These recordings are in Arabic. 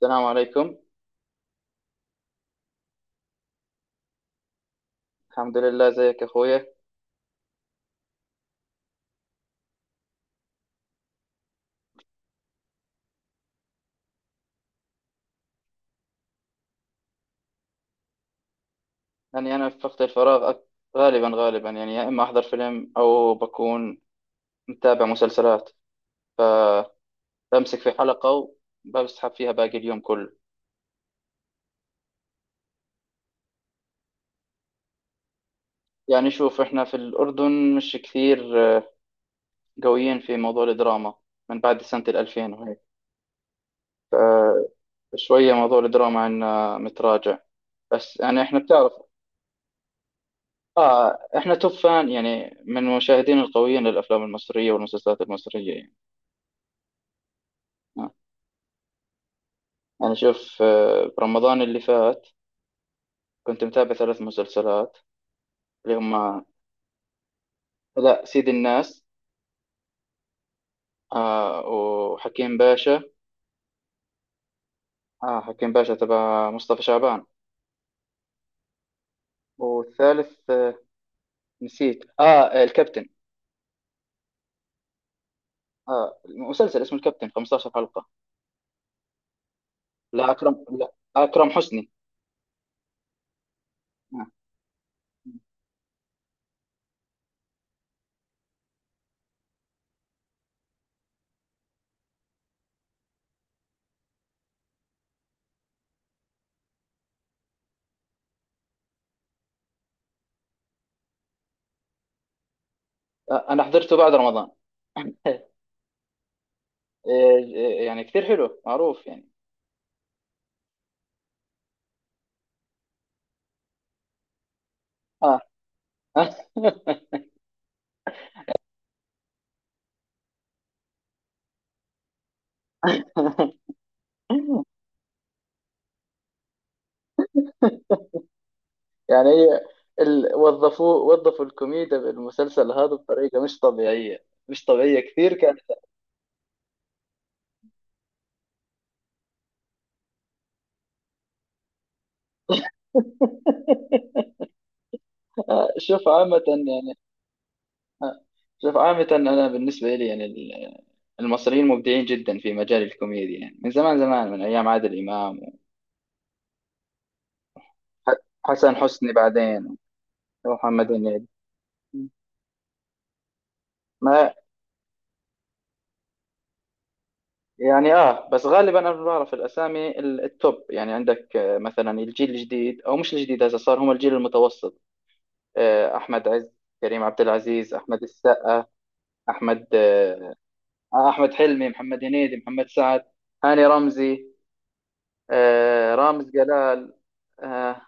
السلام عليكم. الحمد لله، زيك يا أخويا. يعني أنا في وقت الفراغ غالبا غالبا يعني، يا إما أحضر فيلم أو بكون متابع مسلسلات، فبمسك في حلقة وبسحب فيها باقي اليوم كله. يعني شوف، إحنا في الأردن مش كثير قويين في موضوع الدراما من بعد سنة الألفين وهيك. فشوية موضوع الدراما عنا متراجع، بس يعني إحنا بتعرف. آه، إحنا توب فان يعني، من المشاهدين القويين للأفلام المصرية والمسلسلات المصرية يعني. يعني شوف، برمضان اللي فات كنت متابع ثلاث مسلسلات اللي هم: لا، سيد الناس، وحكيم باشا. آه، حكيم باشا تبع مصطفى شعبان. والثالث نسيت، الكابتن. اه مسلسل اسمه الكابتن 15 حلقة. لا اكرم، لا اكرم حسني. آه. آه، انا حضرته بعد رمضان. إيه، إيه، يعني كثير حلو معروف يعني. اه. يعني هي وظفوا وظفوا الكوميديا بالمسلسل هذا بطريقة مش طبيعية، مش طبيعية كثير كان. شوف عامة يعني. آه، شوف عامة، أنا بالنسبة لي يعني المصريين مبدعين جدا في مجال الكوميديا يعني، من زمان زمان، من أيام عادل إمام وحسن حسني، بعدين ومحمد هنيدي. ما يعني آه، بس غالبا أنا بعرف الأسامي التوب يعني. عندك مثلا الجيل الجديد، أو مش الجديد، هسه صار هم الجيل المتوسط. احمد عز، كريم عبد العزيز، احمد السقا، احمد آه، احمد حلمي، محمد هنيدي، محمد سعد، هاني رمزي، رامز جلال. آه،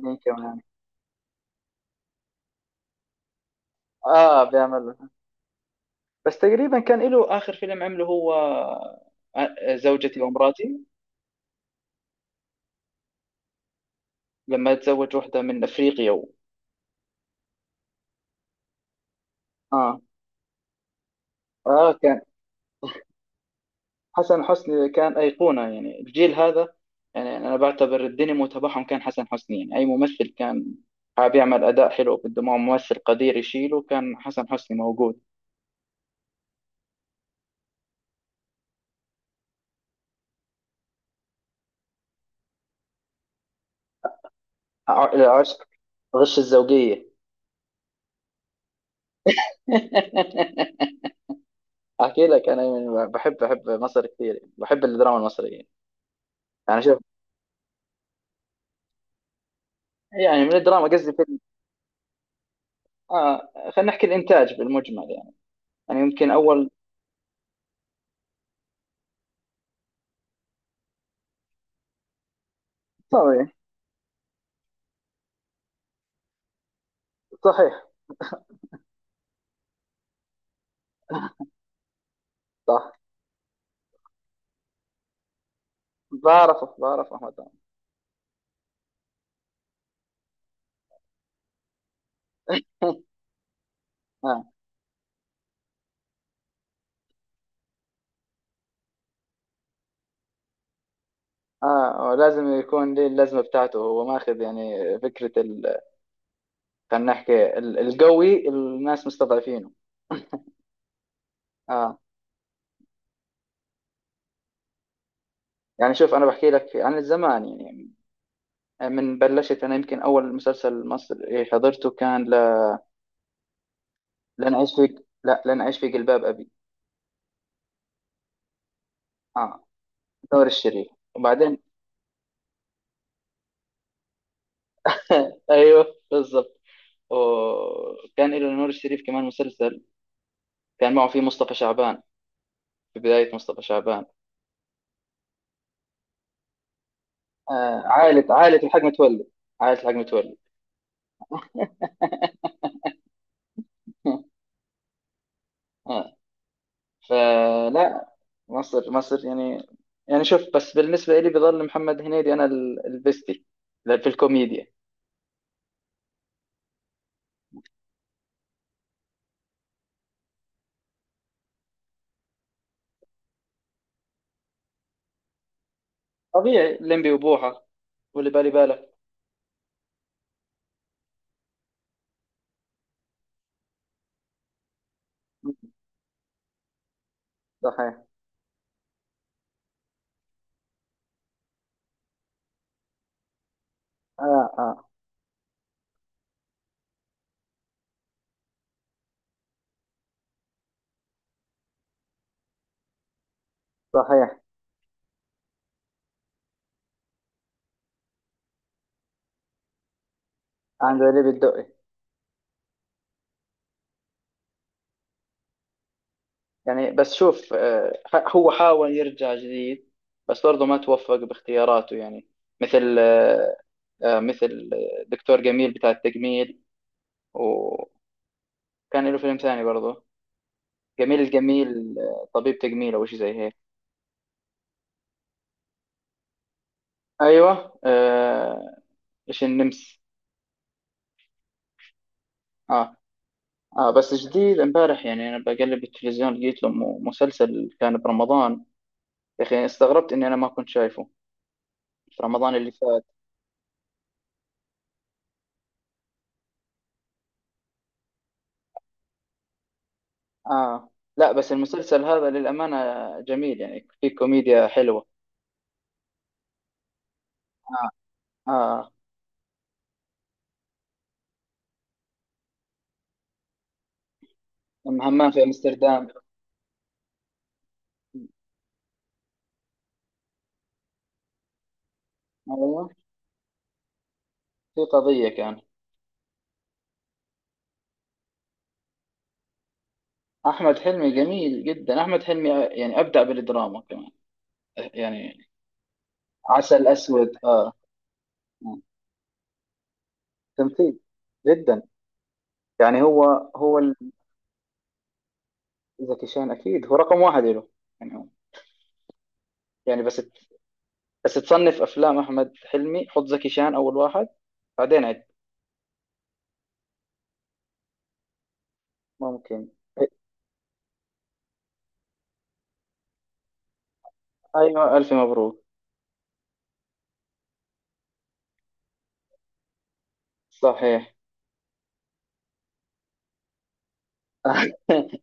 مين كمان. اه، بيعمل، بس تقريبا كان له اخر فيلم عمله هو زوجتي ومراتي، لما تزوج واحده من افريقيا اه. اه، كان حسن حسني كان أيقونة يعني الجيل هذا. يعني أنا بعتبر الدينامو تبعهم كان حسن حسني. يعني أي ممثل كان حاب يعمل أداء حلو، بده معه ممثل قدير يشيله، كان حسن حسني موجود. العشق، غش الزوجية. أحكي لك، أنا يعني بحب، بحب مصر كثير، بحب الدراما المصرية. يعني شوف، يعني من الدراما قصدي فيلم. آه، خلينا نحكي الإنتاج بالمجمل يعني. يعني يمكن أول، صحيح، صحيح. صح. بعرفه، بعرفه، أحمد عمرو. آه. اه آه، لازم يكون ليه اللازمه بتاعته. هو ماخذ يعني فكره خلينا نحكي القوي الناس مستضعفينه. اه. يعني شوف، انا بحكي لك عن الزمان يعني. من بلشت انا، يمكن اول مسلسل مصري حضرته كان لن اعيش في جلباب ابي. اه، نور الشريف. وبعدين، ايوه بالضبط. وكان له نور الشريف كمان مسلسل كان معه فيه مصطفى شعبان، في بدايه مصطفى شعبان. آه، عائله، عائله الحاج متولي. عائله الحاج متولي. فلا، مصر، مصر يعني. يعني شوف، بس بالنسبة لي بظل محمد هنيدي أنا البستي في الكوميديا. طبيعي، ليمبي وبوحة واللي بالي بالك. صحيح. آه، آه. صحيح. عند ليبي الدقي. يعني بس شوف آه، هو حاول يرجع جديد، بس برضه ما توفق باختياراته يعني. مثل آه، آه مثل دكتور جميل بتاع التجميل. وكان له فيلم ثاني برضه، جميل الجميل. آه، طبيب تجميل أو شيء زي هيك. ايوه آه. ايش النمس. اه. اه، بس جديد امبارح، يعني انا بقلب التلفزيون لقيت له مسلسل كان برمضان. يا اخي استغربت اني انا ما كنت شايفه في رمضان اللي فات. اه. لا بس المسلسل هذا للامانه جميل، يعني في كوميديا حلوه. اه. اه. أم همام في امستردام. ايوه، في قضيه كان. احمد حلمي جميل جدا، احمد حلمي يعني ابدع بالدراما كمان يعني. عسل اسود اه. آه. تمثيل جدا. يعني هو، هو زكي شان اكيد هو رقم واحد له. يعني هو، يعني بس تصنف افلام احمد حلمي، حط زكي شان اول واحد بعدين عد. ممكن. ايوه الف مبروك. صحيح.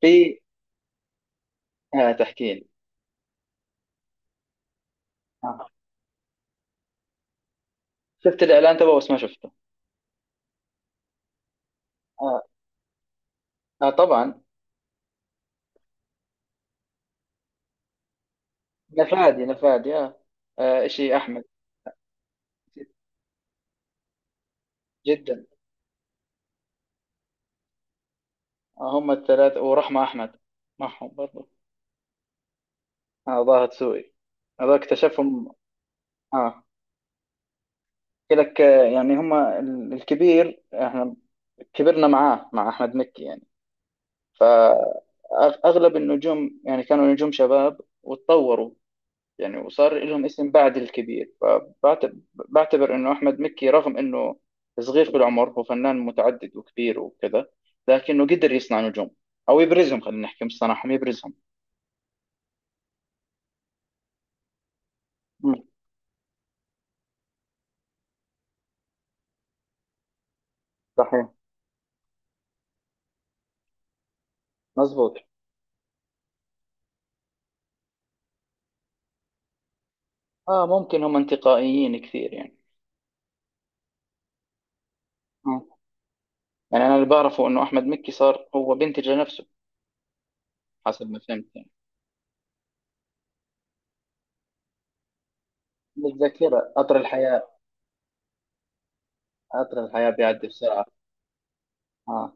في، آه، تحكي لي. آه. شفت الاعلان تبعه بس ما شفته. آه. آه، طبعا. نفادي، نفادي آه. آه، شيء احمد. جدا. آه، هم الثلاثه ورحمه احمد معهم برضه. آه، ظاهر سوقي. هذا اكتشفهم. آه، احكي لك. يعني هما الكبير. احنا كبرنا معاه مع احمد مكي يعني. فاغلب النجوم يعني كانوا نجوم شباب وتطوروا يعني، وصار لهم اسم بعد الكبير. فبعتبر انه احمد مكي رغم انه صغير في العمر، هو فنان متعدد وكبير وكذا، لكنه قدر يصنع نجوم، او يبرزهم. خلينا نحكي مش صنعهم، يبرزهم. مم، صحيح، مزبوط. اه، ممكن هم انتقائيين كثير يعني. مم. يعني انا اللي بعرفه انه احمد مكي صار هو بينتج لنفسه، حسب ما فهمت يعني. من الذاكرة، قطر الحياة. قطر الحياة بيعدي بسرعة. اه.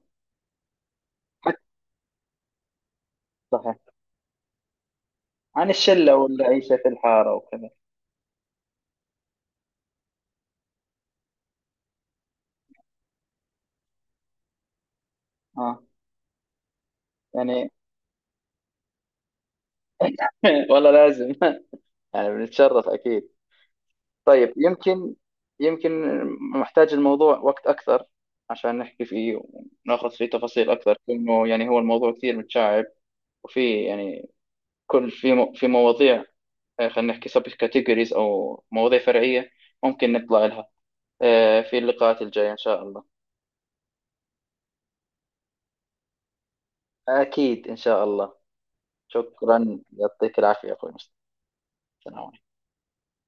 حتى، صحيح. عن الشلة والعيشة في الحارة وكذا. اه يعني، والله لازم. يعني بنتشرف أكيد. طيب يمكن، يمكن، محتاج الموضوع وقت أكثر عشان نحكي فيه وناخذ فيه تفاصيل أكثر، لأنه يعني هو الموضوع كثير متشعب. وفي يعني، كل في في مواضيع، خلينا نحكي سب كاتيجوريز أو مواضيع فرعية، ممكن نطلع لها في اللقاءات الجاية إن شاء الله. أكيد إن شاء الله. شكرا، يعطيك العافية يا أخوي مصطفى.